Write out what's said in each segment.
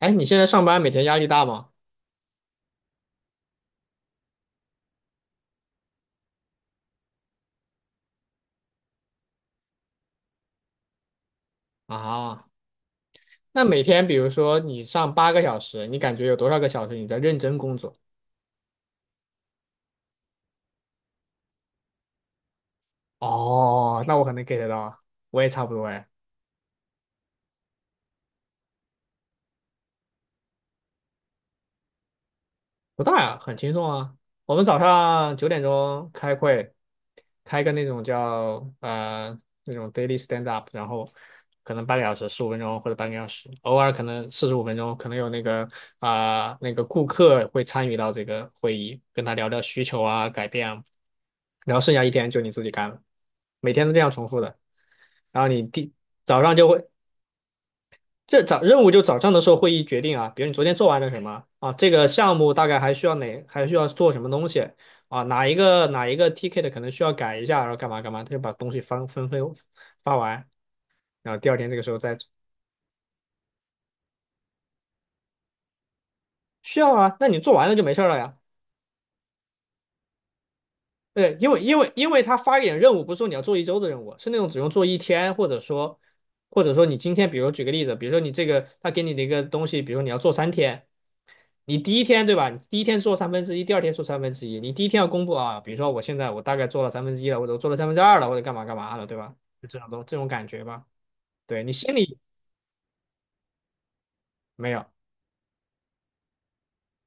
哎，你现在上班每天压力大吗？啊，那每天比如说你上八个小时，你感觉有多少个小时你在认真工作？哦，那我可能 get 到，我也差不多哎。不大呀，很轻松啊。我们早上九点钟开会，开个那种叫那种 daily stand up，然后可能半个小时、十五分钟或者半个小时，偶尔可能四十五分钟，可能有那个啊、那个顾客会参与到这个会议，跟他聊聊需求啊、改变啊，然后剩下一天就你自己干了，每天都这样重复的。然后你第早上就会这早任务就早上的时候会议决定啊，比如你昨天做完了什么啊，这个项目大概还需要哪，还需要做什么东西啊，哪一个 TK 的可能需要改一下，然后干嘛干嘛，他就把东西发分分发完，然后第二天这个时候再需要啊，那你做完了就没事儿了呀。对，因为他发一点任务不是说你要做一周的任务，是那种只用做一天，或者说你今天，比如举个例子，比如说你这个他给你的一个东西，比如你要做三天。你第一天对吧？你第一天做三分之一，第二天做三分之一。你第一天要公布啊，比如说我现在我大概做了三分之一了，我者做了三分之二了，或者干嘛干嘛了，对吧？就这种东这种感觉吧。对你心里没有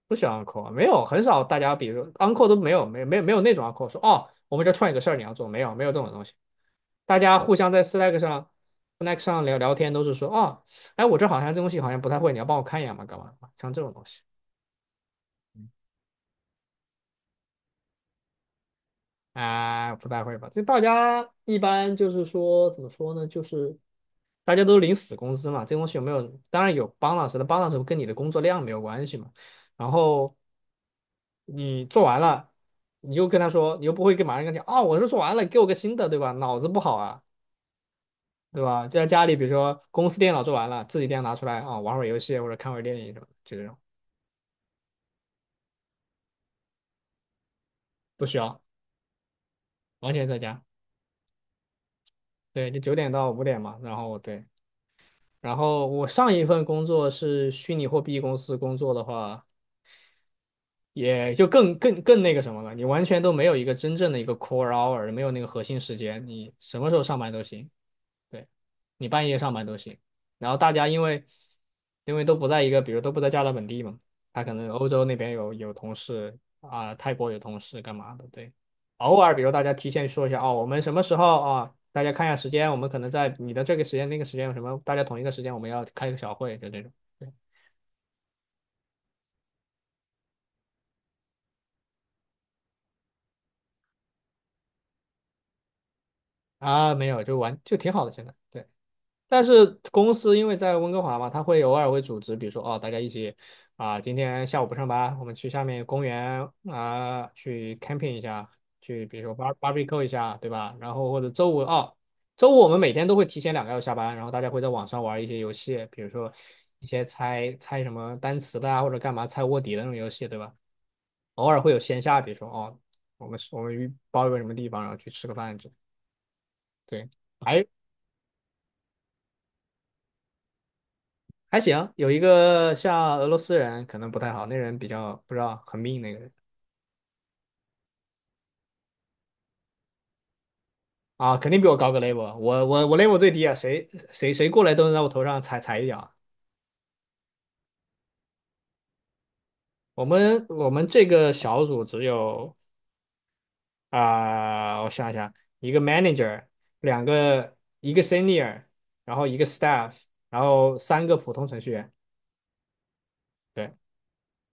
不喜欢 uncle,没有很少大家，比如说 uncle 都没有，没有那种 uncle 说哦，我们这突然有个事儿你要做，没有这种东西。大家互相在 Slack 上 Slack 上聊聊天都是说哦，哎我这好像这东西好像不太会，你要帮我看一眼嘛，干嘛干嘛？像这种东西。啊，不太会吧？这大家一般就是说，怎么说呢？就是大家都领死工资嘛，这东西有没有？当然有帮老师的帮老师 u 跟你的工作量没有关系嘛。然后你做完了，你又跟他说，你又不会跟马上跟他讲，哦，我是做完了，给我个新的，对吧？脑子不好啊，对吧？就在家里，比如说公司电脑做完了，自己电脑拿出来啊，玩会儿游戏或者看会儿电影什么的，就这种不需要，完全在家。对，就九点到五点嘛，然后对，然后我上一份工作是虚拟货币公司工作的话，也就更那个什么了，你完全都没有一个真正的一个 core hour,没有那个核心时间，你什么时候上班都行。对，你半夜上班都行。然后大家因为因为都不在一个，比如都不在加拿大本地嘛，他可能欧洲那边有同事啊、泰国有同事干嘛的，对。偶尔比如大家提前说一下哦，我们什么时候啊？大家看一下时间，我们可能在你的这个时间、那个时间有什么，大家同一个时间我们要开一个小会，就这种。对啊，没有，就玩就挺好的，现在。对。但是公司因为在温哥华嘛，他会偶尔会组织，比如说哦，大家一起啊、今天下午不上班，我们去下面公园啊、去 camping 一下，去比如说 bar barbecue 一下，对吧？然后或者周五哦，周五我们每天都会提前两个小时下班，然后大家会在网上玩一些游戏，比如说一些猜猜什么单词的啊，或者干嘛猜卧底的那种游戏，对吧？偶尔会有线下，比如说哦，我们包一个什么地方，然后去吃个饭，这对。还还行，有一个像俄罗斯人可能不太好，那人比较不知道很命那个人啊，肯定比我高个 level,我 level 最低啊，谁谁谁过来都能在我头上踩一脚。我们这个小组只有啊、我想一想，一个 manager,两个一个 senior,然后一个 staff,然后三个普通程序员，对，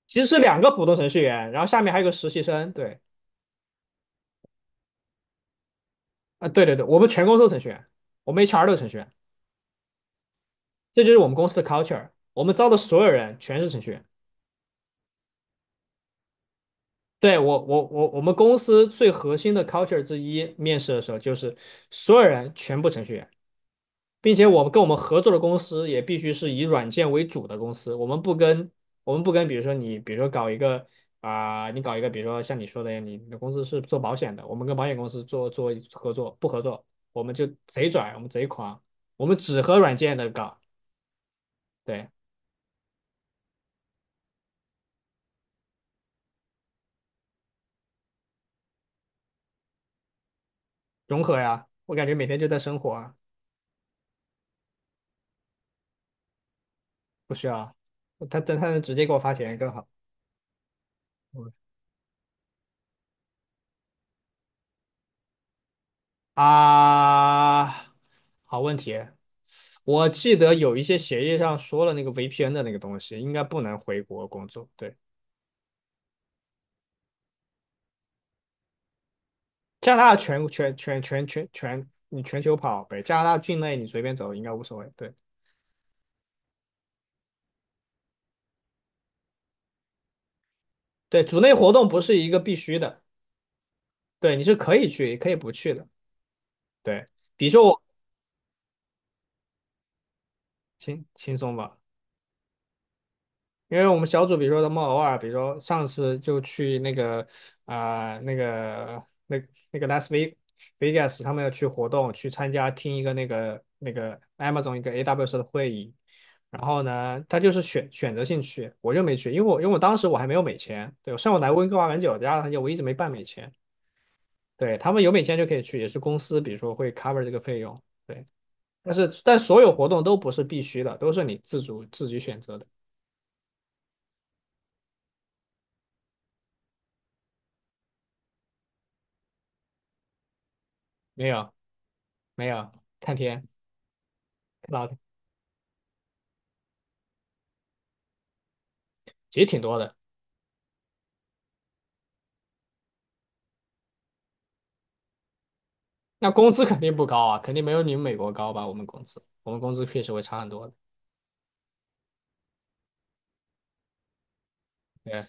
其实是两个普通程序员，然后下面还有个实习生，对，啊、对对对，我们全公司都程序员，我们 HR 都程序员，这就是我们公司的 culture。我们招的所有人全是程序员。对，我们公司最核心的 culture 之一，面试的时候就是所有人全部程序员，并且我们跟我们合作的公司也必须是以软件为主的公司。我们不跟，我们不跟，比如说你，比如说搞一个啊、你搞一个，比如说像你说的，你你的公司是做保险的，我们跟保险公司做合作，不合作，我们就贼拽，我们贼狂，我们只和软件的搞，对，融合呀。我感觉每天就在生活啊。不需要，他能直接给我发钱更好。嗯啊，好问题。我记得有一些协议上说了那个 VPN 的那个东西，应该不能回国工作。对，加拿大全，你全球跑呗，加拿大境内你随便走应该无所谓。对对，组内活动不是一个必须的，对，你是可以去也可以不去的。对，比如说我轻轻松吧。因为我们小组，比如说他们偶尔，比如说上次就去那个啊、那个那那个 Vegas,他们要去活动，去参加听一个那个那个 Amazon 一个 AWS 的会议，然后呢，他就是选择性去，我就没去，因为我当时我还没有美签，对，虽然我来温哥华很久，加拿大很久，我一直没办美签，对，他们有美签就可以去，也是公司比如说会 cover 这个费用，对，但是但所有活动都不是必须的，都是你自主自己选择的，没有没有看天。老其实挺多的。那工资肯定不高啊，肯定没有你们美国高吧？我们工资，我们工资确实会差很多的。对，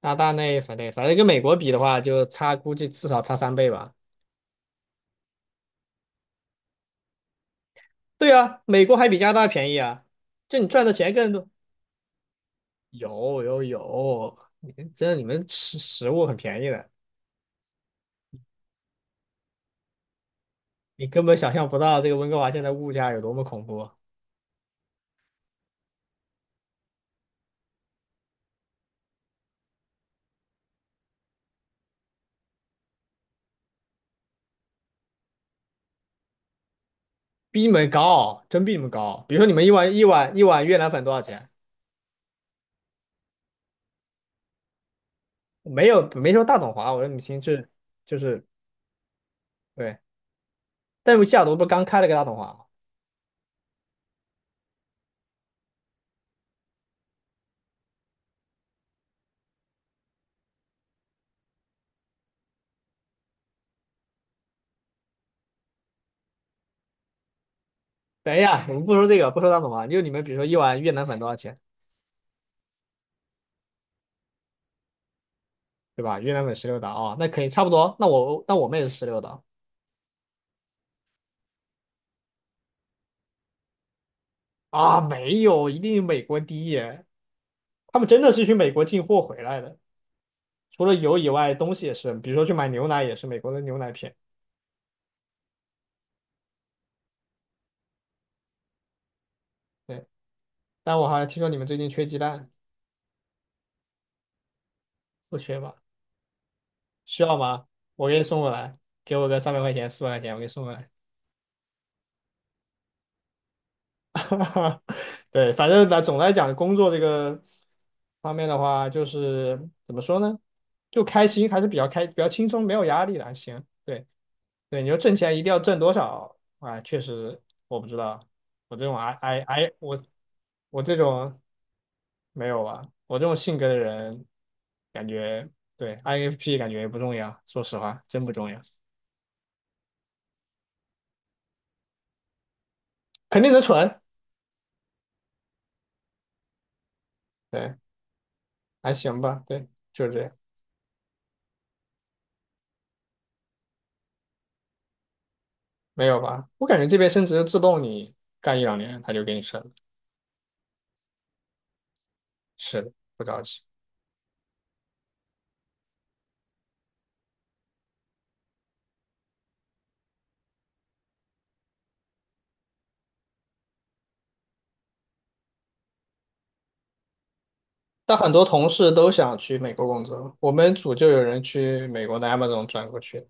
那大内反对，反正跟美国比的话，就差估计至少差三倍吧。对啊，美国还比加拿大便宜啊，就你赚的钱更多。有有有，你们真的你们食物很便宜的，你根本想象不到这个温哥华现在物价有多么恐怖，比你们高，真比你们高。比如说你们一碗越南粉多少钱？没有没说大董华，我说你们心智就是对。但是西雅图不是刚开了个大统华吗？等一下，我们不说这个，不说大统华，就你们比如说一碗越南粉多少钱，对吧？越南粉十六刀啊，那可以差不多。那我们也是十六刀啊，没有，一定美国低耶。他们真的是去美国进货回来的，除了油以外，东西也是，比如说去买牛奶也是美国的牛奶片。对，但我好像听说你们最近缺鸡蛋，不缺吧？需要吗？我给你送过来，给我个三百块钱、四百块钱，我给你送过来。哈，对，反正呢，总来讲，工作这个方面的话，就是怎么说呢，就开心，还是比较开，比较轻松，没有压力的，还行。对对，你说挣钱一定要挣多少啊？确实，我不知道，我这种 I I I 我这种没有啊，我这种性格的人，感觉对 INFP 感觉也不重要，说实话，真不重要，肯定能存，对，还行吧，对，就是这样。没有吧？我感觉这边升职自动你干一两年他就给你升了是的，不着急。但很多同事都想去美国工作，我们组就有人去美国的 Amazon 转过去。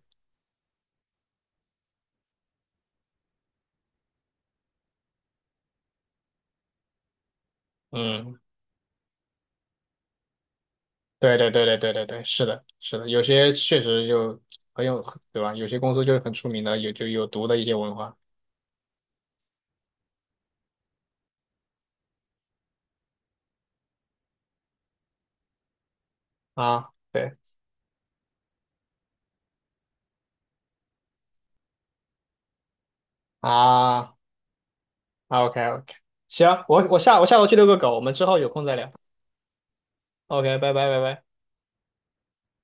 嗯，对对对对对对对是的，是的，有些确实就很有，对吧？有些公司就是很出名的，有就有毒的一些文化啊，对啊啊，OK OK，行，我我下我下楼去遛个狗，我们之后有空再聊。OK,拜拜。